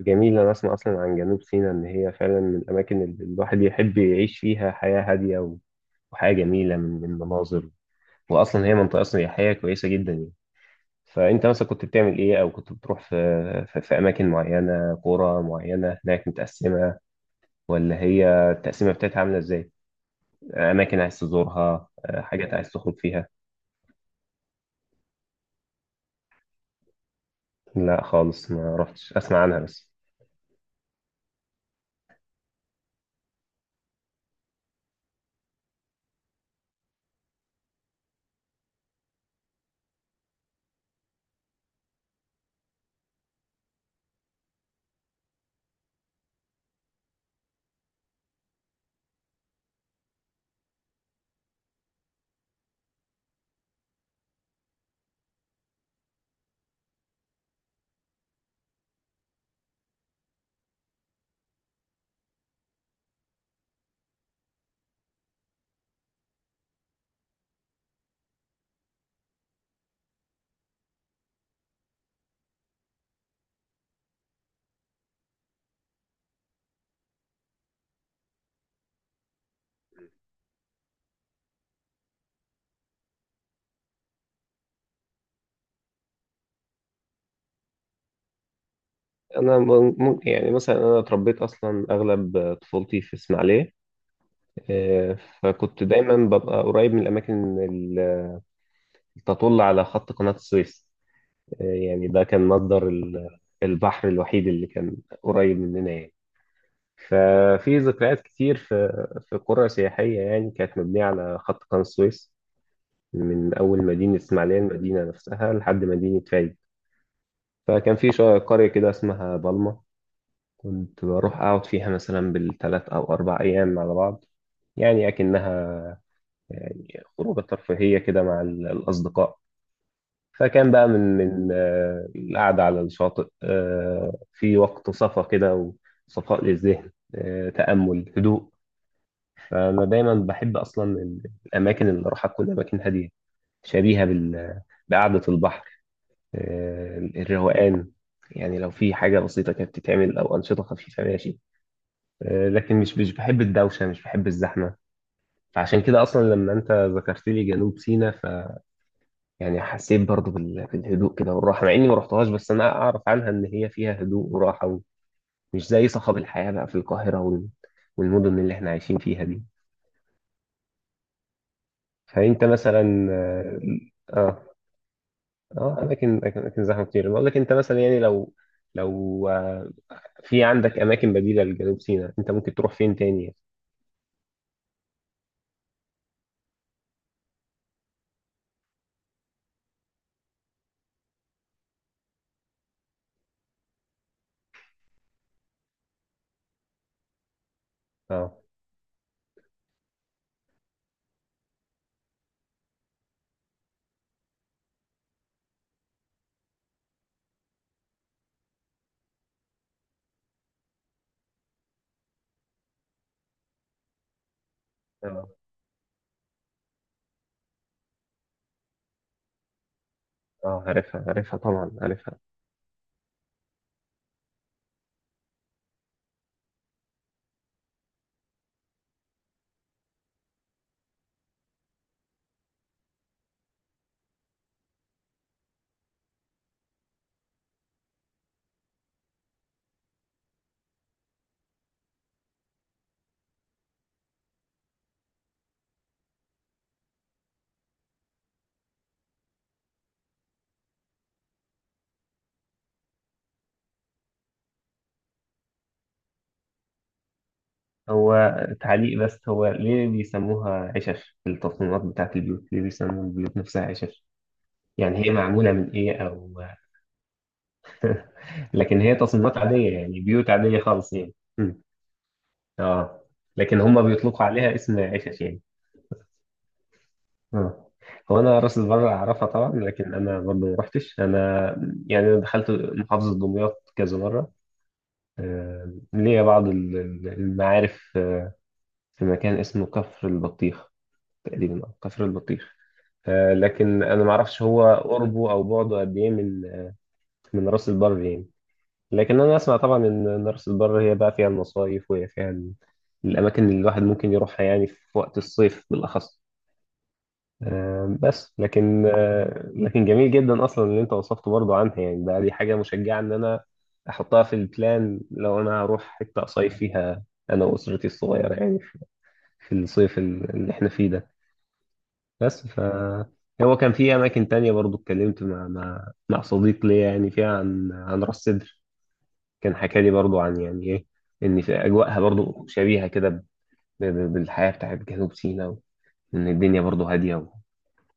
جميل، أنا أسمع أصلا عن جنوب سيناء إن هي فعلا من الأماكن اللي الواحد يحب يعيش فيها حياة هادية وحياة جميلة من مناظر. وأصلا هي منطقة سياحية كويسة جدا يعني. فأنت مثلا كنت بتعمل إيه؟ أو كنت بتروح في في أماكن معينة، قرى معينة هناك متقسمة، ولا هي التقسيمة بتاعتها عاملة إزاي؟ أماكن عايز تزورها؟ حاجات عايز تخرج فيها؟ لا خالص، ما رحتش، أسمع عنها بس. أنا ممكن يعني مثلا، أنا اتربيت أصلا أغلب طفولتي في إسماعيلية. فكنت دايما ببقى قريب من الأماكن اللي تطل على خط قناة السويس. يعني ده كان مصدر البحر الوحيد اللي كان قريب مننا يعني. ففي ذكريات كتير في في قرى سياحية يعني كانت مبنية على خط قناة السويس، من أول مدينة إسماعيلية، المدينة نفسها، لحد مدينة فايد. فكان في قرية كده اسمها بالما، كنت بروح أقعد فيها مثلا بالثلاث أو أربع أيام على بعض، يعني أكنها يعني خروجة ترفيهية كده مع الأصدقاء. فكان بقى من القعدة على الشاطئ، في وقت صفا كده وصفاء للذهن، تأمل، هدوء. فأنا دايما بحب أصلا الأماكن اللي أروحها تكون أماكن هادية، شبيهة بقعدة البحر، الروقان. يعني لو في حاجة بسيطة كانت بتتعمل أو أنشطة خفيفة ماشي. لكن مش بحب الدوشة، مش بحب الزحمة. فعشان كده أصلا لما أنت ذكرت لي جنوب سيناء، يعني حسيت برضو بالهدوء كده والراحة، مع إني ما رحتهاش، بس أنا أعرف عنها إن هي فيها هدوء وراحة، ومش زي صخب الحياة بقى في القاهرة والمدن اللي إحنا عايشين فيها دي. فأنت مثلا آه آه، أماكن أماكن زحمة كتير، بقول لك أنت مثلا يعني لو في عندك أماكن بديلة لجنوب سيناء، أنت ممكن تروح فين تاني؟ آه آه آه عارفها، عارفها طبعا عارفها. هو تعليق بس، هو ليه بيسموها عشش في التصميمات بتاعت البيوت؟ ليه بيسموا البيوت نفسها عشش؟ يعني هي معمولة من إيه؟ أو لكن هي تصميمات عادية يعني، بيوت عادية خالص يعني. آه، لكن هم بيطلقوا عليها اسم عشش يعني. آه. هو أنا راس البر أعرفها طبعا، لكن أنا برضه ما رحتش أنا، يعني دخلت محافظة دمياط كذا مرة. آه، ليا بعض المعارف. في مكان اسمه كفر البطيخ تقريبا، أو كفر البطيخ. آه، لكن أنا ما أعرفش هو قربه أو بعده قد إيه من من راس البر يعني. لكن انا اسمع طبعا ان مرسى البر هي بقى فيها المصايف، وهي فيها الاماكن اللي الواحد ممكن يروحها يعني في وقت الصيف بالاخص. آه، بس لكن، لكن جميل جدا اصلا اللي انت وصفته برضه عنها يعني. دي حاجه مشجعه ان انا احطها في البلان لو انا هروح حته اصيف فيها انا واسرتي الصغيره، يعني في في الصيف اللي احنا فيه ده. بس ف هو كان في اماكن تانية برضه، اتكلمت مع مع صديق ليا يعني فيها عن راس سدر. كان حكى لي برضو عن، يعني ايه، ان في اجواءها برضو شبيهه كده بالحياه بتاعت جنوب سيناء، وان الدنيا برضو هاديه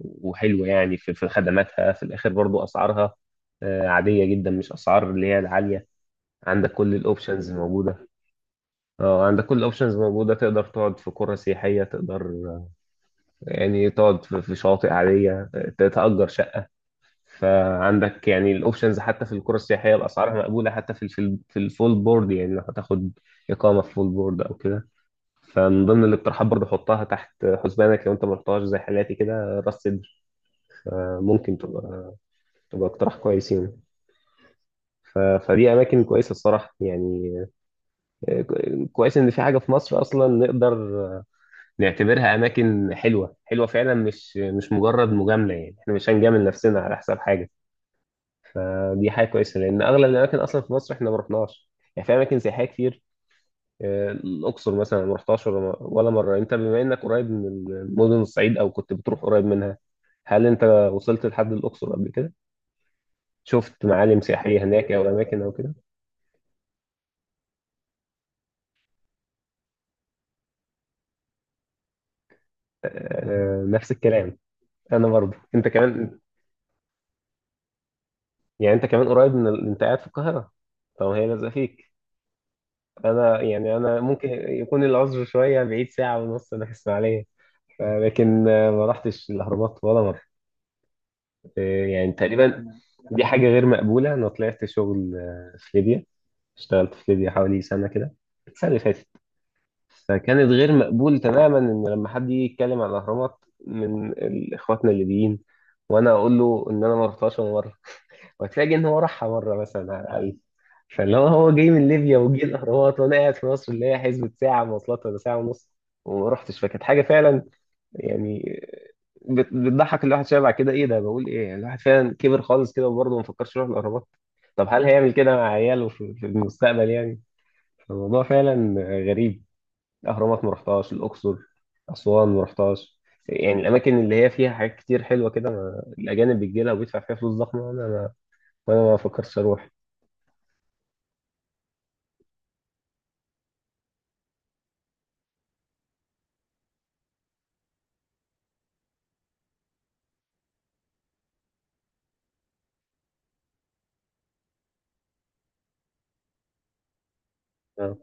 وحلوه يعني في في خدماتها، في الاخر برضو اسعارها، عاديه جدا، مش اسعار اللي هي العاليه. عندك كل الاوبشنز موجوده. اه، عندك كل الاوبشنز موجوده، تقدر تقعد في قرى سياحيه، تقدر، يعني تقعد في في شواطئ عاديه، تتأجر شقه. فعندك يعني الاوبشنز، حتى في القرى السياحيه الاسعار مقبوله، حتى في في في الفول بورد، يعني لو هتاخد اقامه في فول بورد او كده. فمن ضمن الاقتراحات برضه، حطها تحت حسبانك لو انت ما رحتهاش زي حالاتي كده، راس سدر ممكن تبقى اقتراح كويس يعني. فدي اماكن كويسه الصراحه يعني. آه، كويس ان في حاجه في مصر اصلا نقدر نعتبرها اماكن حلوه، حلوه فعلا، مش مش مجرد مجامله، يعني احنا مش هنجامل نفسنا على حساب حاجه. دي حاجه كويسه، لان اغلب الاماكن اصلا في مصر احنا ما رحناش، يعني في اماكن سياحيه كتير. الاقصر مثلا ما رحتهاش ولا مره. انت بما انك قريب من مدن الصعيد، او كنت بتروح قريب منها، هل انت وصلت لحد الاقصر قبل كده؟ شفت معالم سياحيه هناك او اماكن او كده؟ آه، نفس الكلام. انا برضه، انت كمان يعني، انت كمان قريب من انت قاعد في القاهره، طب هي لازقه فيك. انا يعني، انا ممكن يكون العذر شويه بعيد، ساعه ونص انا في اسماعيليه. لكن ما رحتش الاهرامات ولا مره. آه، يعني تقريبا دي حاجة غير مقبولة. أنا طلعت شغل في ليبيا، اشتغلت في ليبيا حوالي سنة كده، السنة اللي فاتت. فكانت غير مقبول تماما إن لما حد يجي يتكلم عن الأهرامات من إخواتنا الليبيين، وأنا أقول له إن أنا ما رحتهاش ولا مرة، وتلاقي إن هو راحها مرة مثلا على الأقل. فاللي هو جاي من ليبيا وجه الأهرامات، وأنا قاعد في مصر اللي هي حسبة ساعة مواصلات ولا ساعة ونص وما رحتش. فكانت حاجة فعلا يعني بتضحك الواحد شويه بعد كده. ايه ده؟ بقول ايه؟ يعني الواحد فعلا كبر خالص كده، وبرضه ما فكرش يروح الاهرامات. طب هل هيعمل كده مع عياله في في المستقبل يعني؟ الموضوع فعلا غريب. الاهرامات ما رحتهاش، الاقصر، اسوان ما رحتهاش، يعني الاماكن اللي هي فيها حاجات كتير حلوه كده، الاجانب بتجي لها وبيدفع فيها فلوس ضخمه، وانا ما فكرتش اروح. آه.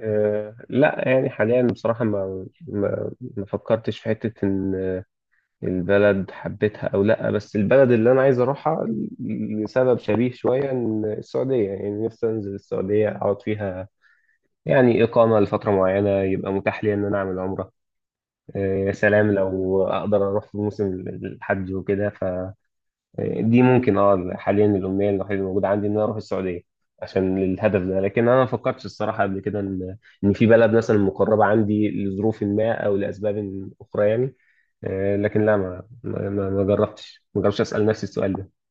آه، لا يعني حاليا بصراحه، ما فكرتش في حته ان البلد حبيتها او لا، بس البلد اللي انا عايز اروحها، لسبب شبيه شويه، ان السعوديه يعني نفسي انزل السعوديه اقعد فيها، يعني اقامه لفتره معينه يبقى متاح لي ان انا اعمل عمره. يا سلام لو اقدر اروح في موسم الحج وكده، دي ممكن اه حاليا الامنيه الوحيده اللي موجوده عندي، ان انا اروح السعوديه عشان الهدف ده. لكن انا ما فكرتش الصراحه قبل كده ان في بلد مثلا مقربه عندي لظروف ما او لاسباب اخرى يعني. لكن لا، ما جربتش، اسال نفسي السؤال ده.